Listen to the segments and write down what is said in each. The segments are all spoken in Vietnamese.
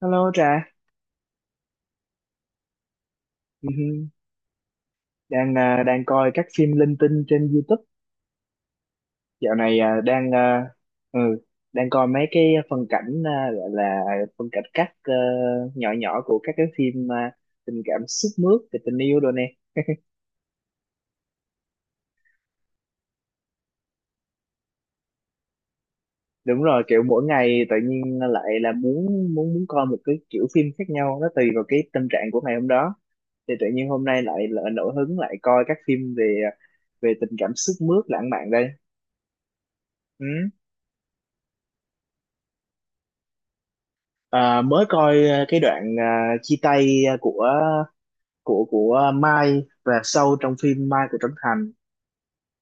Hello Trà. Ừ hừ. Đang đang coi các phim linh tinh trên YouTube dạo này. Ừ, đang coi mấy cái phân cảnh, gọi là phân cảnh cắt nhỏ nhỏ của các cái phim tình cảm sướt mướt về tình yêu rồi nè. Đúng rồi, kiểu mỗi ngày tự nhiên lại là muốn, muốn coi một cái kiểu phim khác nhau, nó tùy vào cái tâm trạng của ngày hôm đó. Thì tự nhiên hôm nay lại nổi hứng lại coi các phim về về tình cảm sướt mướt lãng mạn đây. Ừ. À, mới coi cái đoạn chia tay của của Mai và Sâu trong phim Mai của Trấn Thành.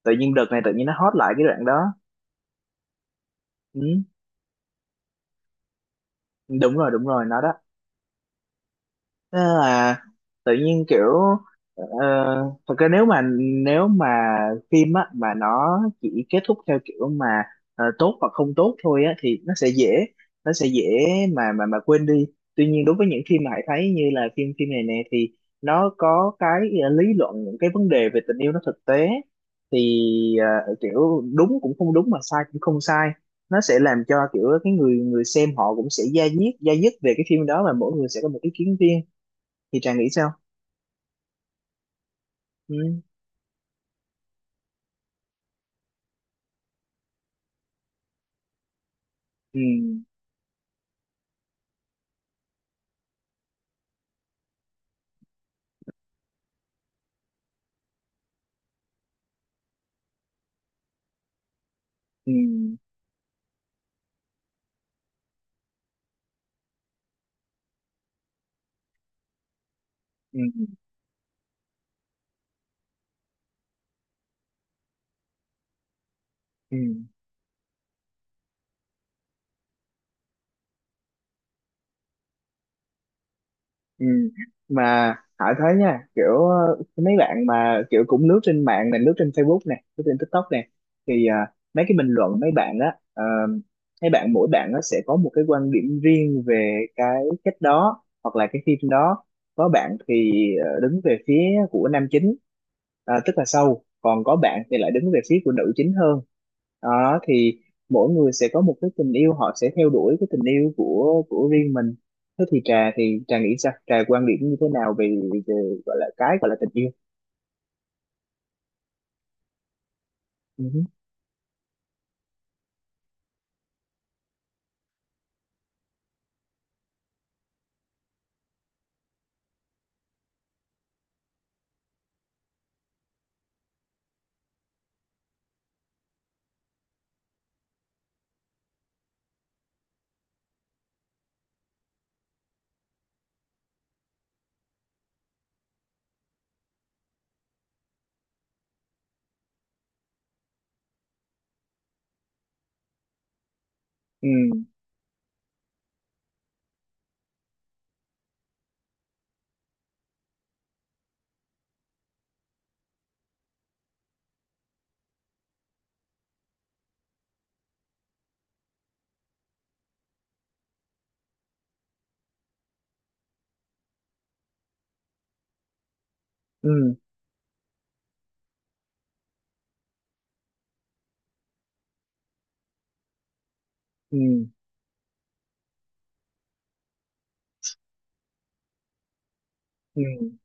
Tự nhiên đợt này tự nhiên nó hot lại cái đoạn đó. Ừ, đúng rồi, đúng rồi, nó đó. Thế là tự nhiên kiểu ờ, thật ra nếu mà, nếu mà phim á mà nó chỉ kết thúc theo kiểu mà tốt hoặc không tốt thôi á thì nó sẽ dễ, nó sẽ dễ mà quên đi. Tuy nhiên đối với những phim mà Hải thấy như là phim phim này nè thì nó có cái lý luận những cái vấn đề về tình yêu, nó thực tế. Thì kiểu đúng cũng không đúng mà sai cũng không sai, nó sẽ làm cho kiểu cái người người xem họ cũng sẽ da diết da dứt về cái phim đó, và mỗi người sẽ có một ý kiến riêng. Thì Trà nghĩ sao? Ừ ừ. Ừ. Ừ ừ ừ. Ừ. Mà Hải thấy nha, kiểu mấy bạn mà kiểu cũng lướt trên mạng này, lướt trên Facebook này, lướt trên TikTok này, thì mấy cái bình luận mấy bạn á, mấy bạn, mỗi bạn nó sẽ có một cái quan điểm riêng về cái cách đó hoặc là cái phim đó. Có bạn thì đứng về phía của nam chính, tức là Sâu, còn có bạn thì lại đứng về phía của nữ chính hơn. Đó thì mỗi người sẽ có một cái tình yêu, họ sẽ theo đuổi cái tình yêu của riêng mình. Thế thì Trà nghĩ sao, Trà quan điểm như thế nào về, về gọi là cái gọi là tình yêu? Ừ ừ ừ ừ ừ.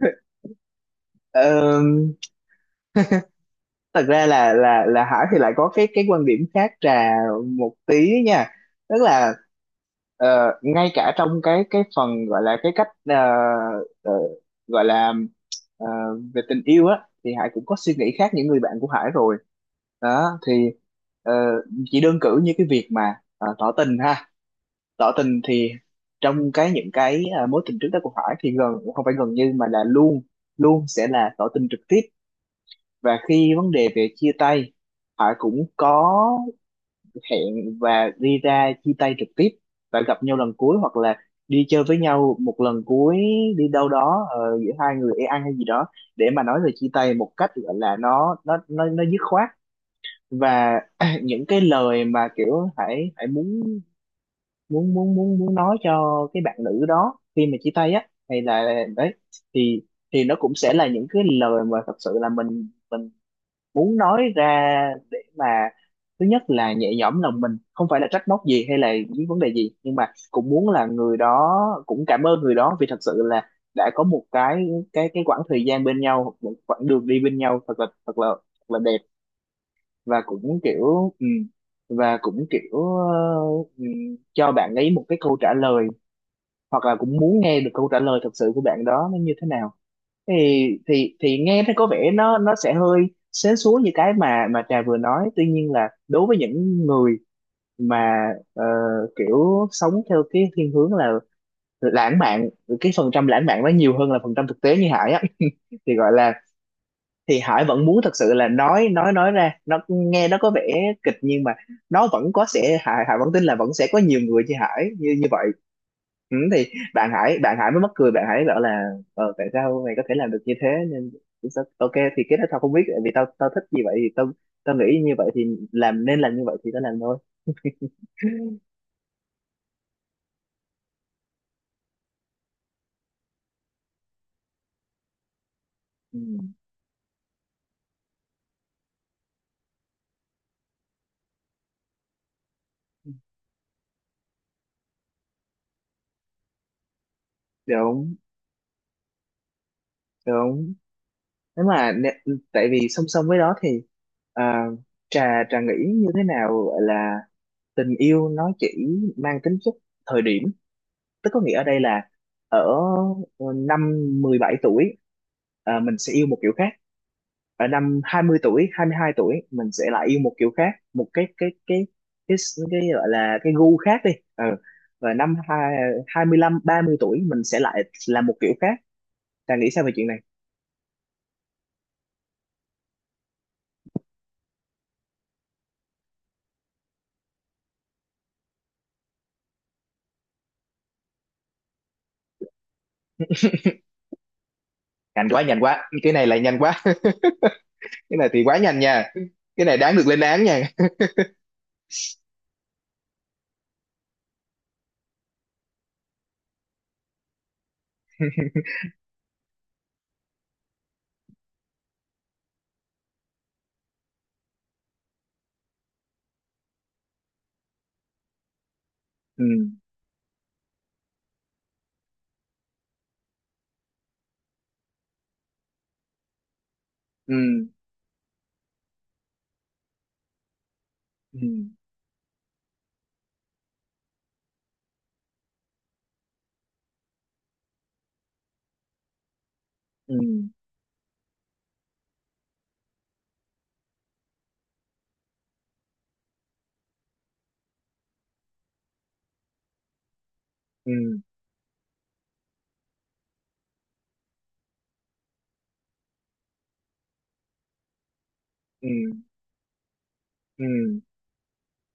Ờm, Thật ra là Hải thì lại có cái quan điểm khác Trà một tí nha. Tức là ờ, ngay cả trong cái phần gọi là cái cách, ờ, gọi là ờ, về tình yêu á, thì Hải cũng có suy nghĩ khác những người bạn của Hải rồi. Đó thì ờ, chỉ đơn cử như cái việc mà tỏ tình ha. Tỏ tình thì trong cái những cái mối tình trước đó của Hải thì gần, không phải gần, như mà là luôn, sẽ là tỏ tình trực tiếp. Và khi vấn đề về chia tay, Hải cũng có hẹn và đi ra chia tay trực tiếp, và gặp nhau lần cuối, hoặc là đi chơi với nhau một lần cuối, đi đâu đó, giữa hai người đi ăn hay gì đó, để mà nói về chia tay một cách gọi là nó dứt khoát. Và những cái lời mà kiểu Hải Hải muốn, muốn muốn muốn muốn nói cho cái bạn nữ đó khi mà chia tay á hay là đấy, thì nó cũng sẽ là những cái lời mà thật sự là mình muốn nói ra. Để mà thứ nhất là nhẹ nhõm lòng mình, không phải là trách móc gì hay là những vấn đề gì, nhưng mà cũng muốn là người đó, cũng cảm ơn người đó vì thật sự là đã có một cái quãng thời gian bên nhau, một quãng đường đi bên nhau thật là, thật là đẹp. Và cũng kiểu ừ, và cũng kiểu ừ, cho bạn ấy một cái câu trả lời, hoặc là cũng muốn nghe được câu trả lời thật sự của bạn đó nó như thế nào. Thì nghe thấy có vẻ nó sẽ hơi sến súa như cái mà Trà vừa nói. Tuy nhiên là đối với những người mà ờ, kiểu sống theo cái thiên hướng là lãng mạn, cái phần trăm lãng mạn nó nhiều hơn là phần trăm thực tế như Hải á, thì gọi là thì Hải vẫn muốn thật sự là nói, nói ra nó nghe nó có vẻ kịch, nhưng mà nó vẫn có sẽ Hải Hải vẫn tin là vẫn sẽ có nhiều người như Hải như như vậy. Ừ, thì bạn Hải mới mắc cười, bạn Hải bảo là ờ tại sao mày có thể làm được như thế. Nên sao- ok, thì cái đó tao không biết, tại vì tao tao thích như vậy thì tao, tao nghĩ như vậy thì làm, nên làm như vậy thì tao làm thôi. Ừ. Đúng đúng. Nếu mà nè- tại vì song song với đó thì à, trà Trà nghĩ như thế nào, gọi là tình yêu nó chỉ mang tính chất thời điểm. Tức có nghĩa ở đây là ở năm 17 tuổi, mình sẽ yêu một kiểu khác. Ở năm 20 tuổi, 22 tuổi mình sẽ lại yêu một kiểu khác, một cái cái, gọi là cái gu khác đi. Ừ. Và năm hai 25, 30 tuổi mình sẽ lại là một kiểu khác. Trang nghĩ sao về chuyện này? Nhanh quá, cái này lại nhanh quá. Cái này thì quá nhanh nha, cái này đáng được lên án nha. Ừ. Ừ. Ừ. Ừ. Ừ. Ừ. Ừ,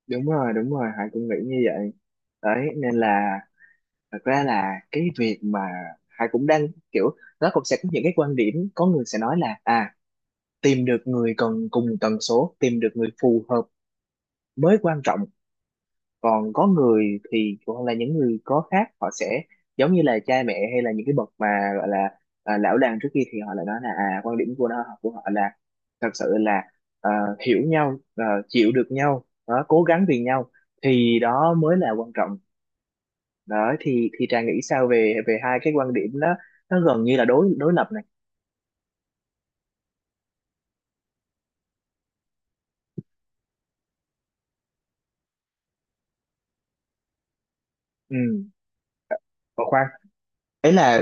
đúng rồi, Hải cũng nghĩ như vậy. Đấy, nên là thật ra là cái việc mà Hải cũng đang kiểu, nó cũng sẽ có những cái quan điểm. Có người sẽ nói là à, tìm được người cần cùng tần số, tìm được người phù hợp mới quan trọng. Còn có người thì, hoặc là những người có khác, họ sẽ giống như là cha mẹ hay là những cái bậc mà gọi là à, lão đàn trước kia, thì họ lại nói là à, quan điểm của của họ là thật sự là à, hiểu nhau, à, chịu được nhau đó, cố gắng vì nhau, thì đó mới là quan trọng. Đó thì Trà nghĩ sao về, về hai cái quan điểm đó, nó gần như là đối đối lập này. Ừ, còn khoan, ấy là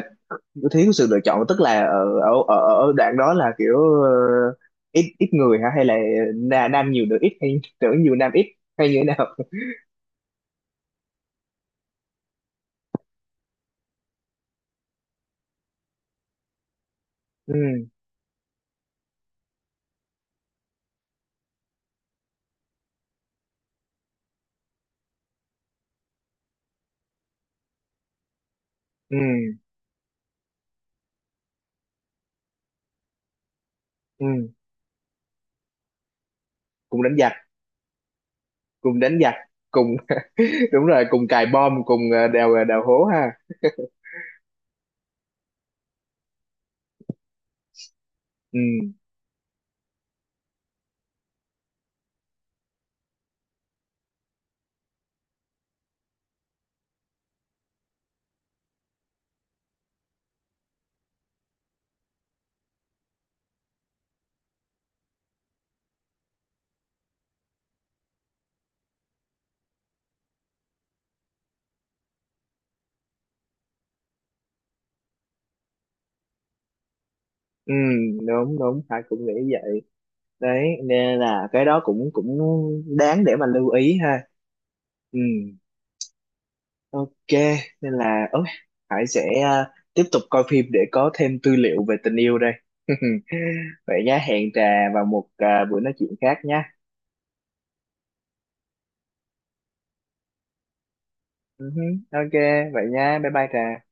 nó thiếu sự lựa chọn, tức là ở ở, đoạn đó là kiểu ờ, ít, người hả, hay là na- nam nhiều nữ ít hay nữ nhiều nam ít hay như thế nào? Ừ ừ ừ. Cùng đánh giặc. Cùng đánh giặc. Cùng đúng rồi, cùng cài bom, cùng đào, đào hố ha. Ừ ừ. Đúng đúng, phải cũng nghĩ vậy. Đấy, nên là cái đó cũng cũng đáng để mà lưu ý ha. Ừ. Ok, nên là ôi, Hải sẽ tiếp tục coi phim để có thêm tư liệu về tình yêu đây. Vậy nhá, hẹn Trà vào một buổi nói chuyện khác nhá. Ừ hứ, ok, vậy nhá, bye bye Trà.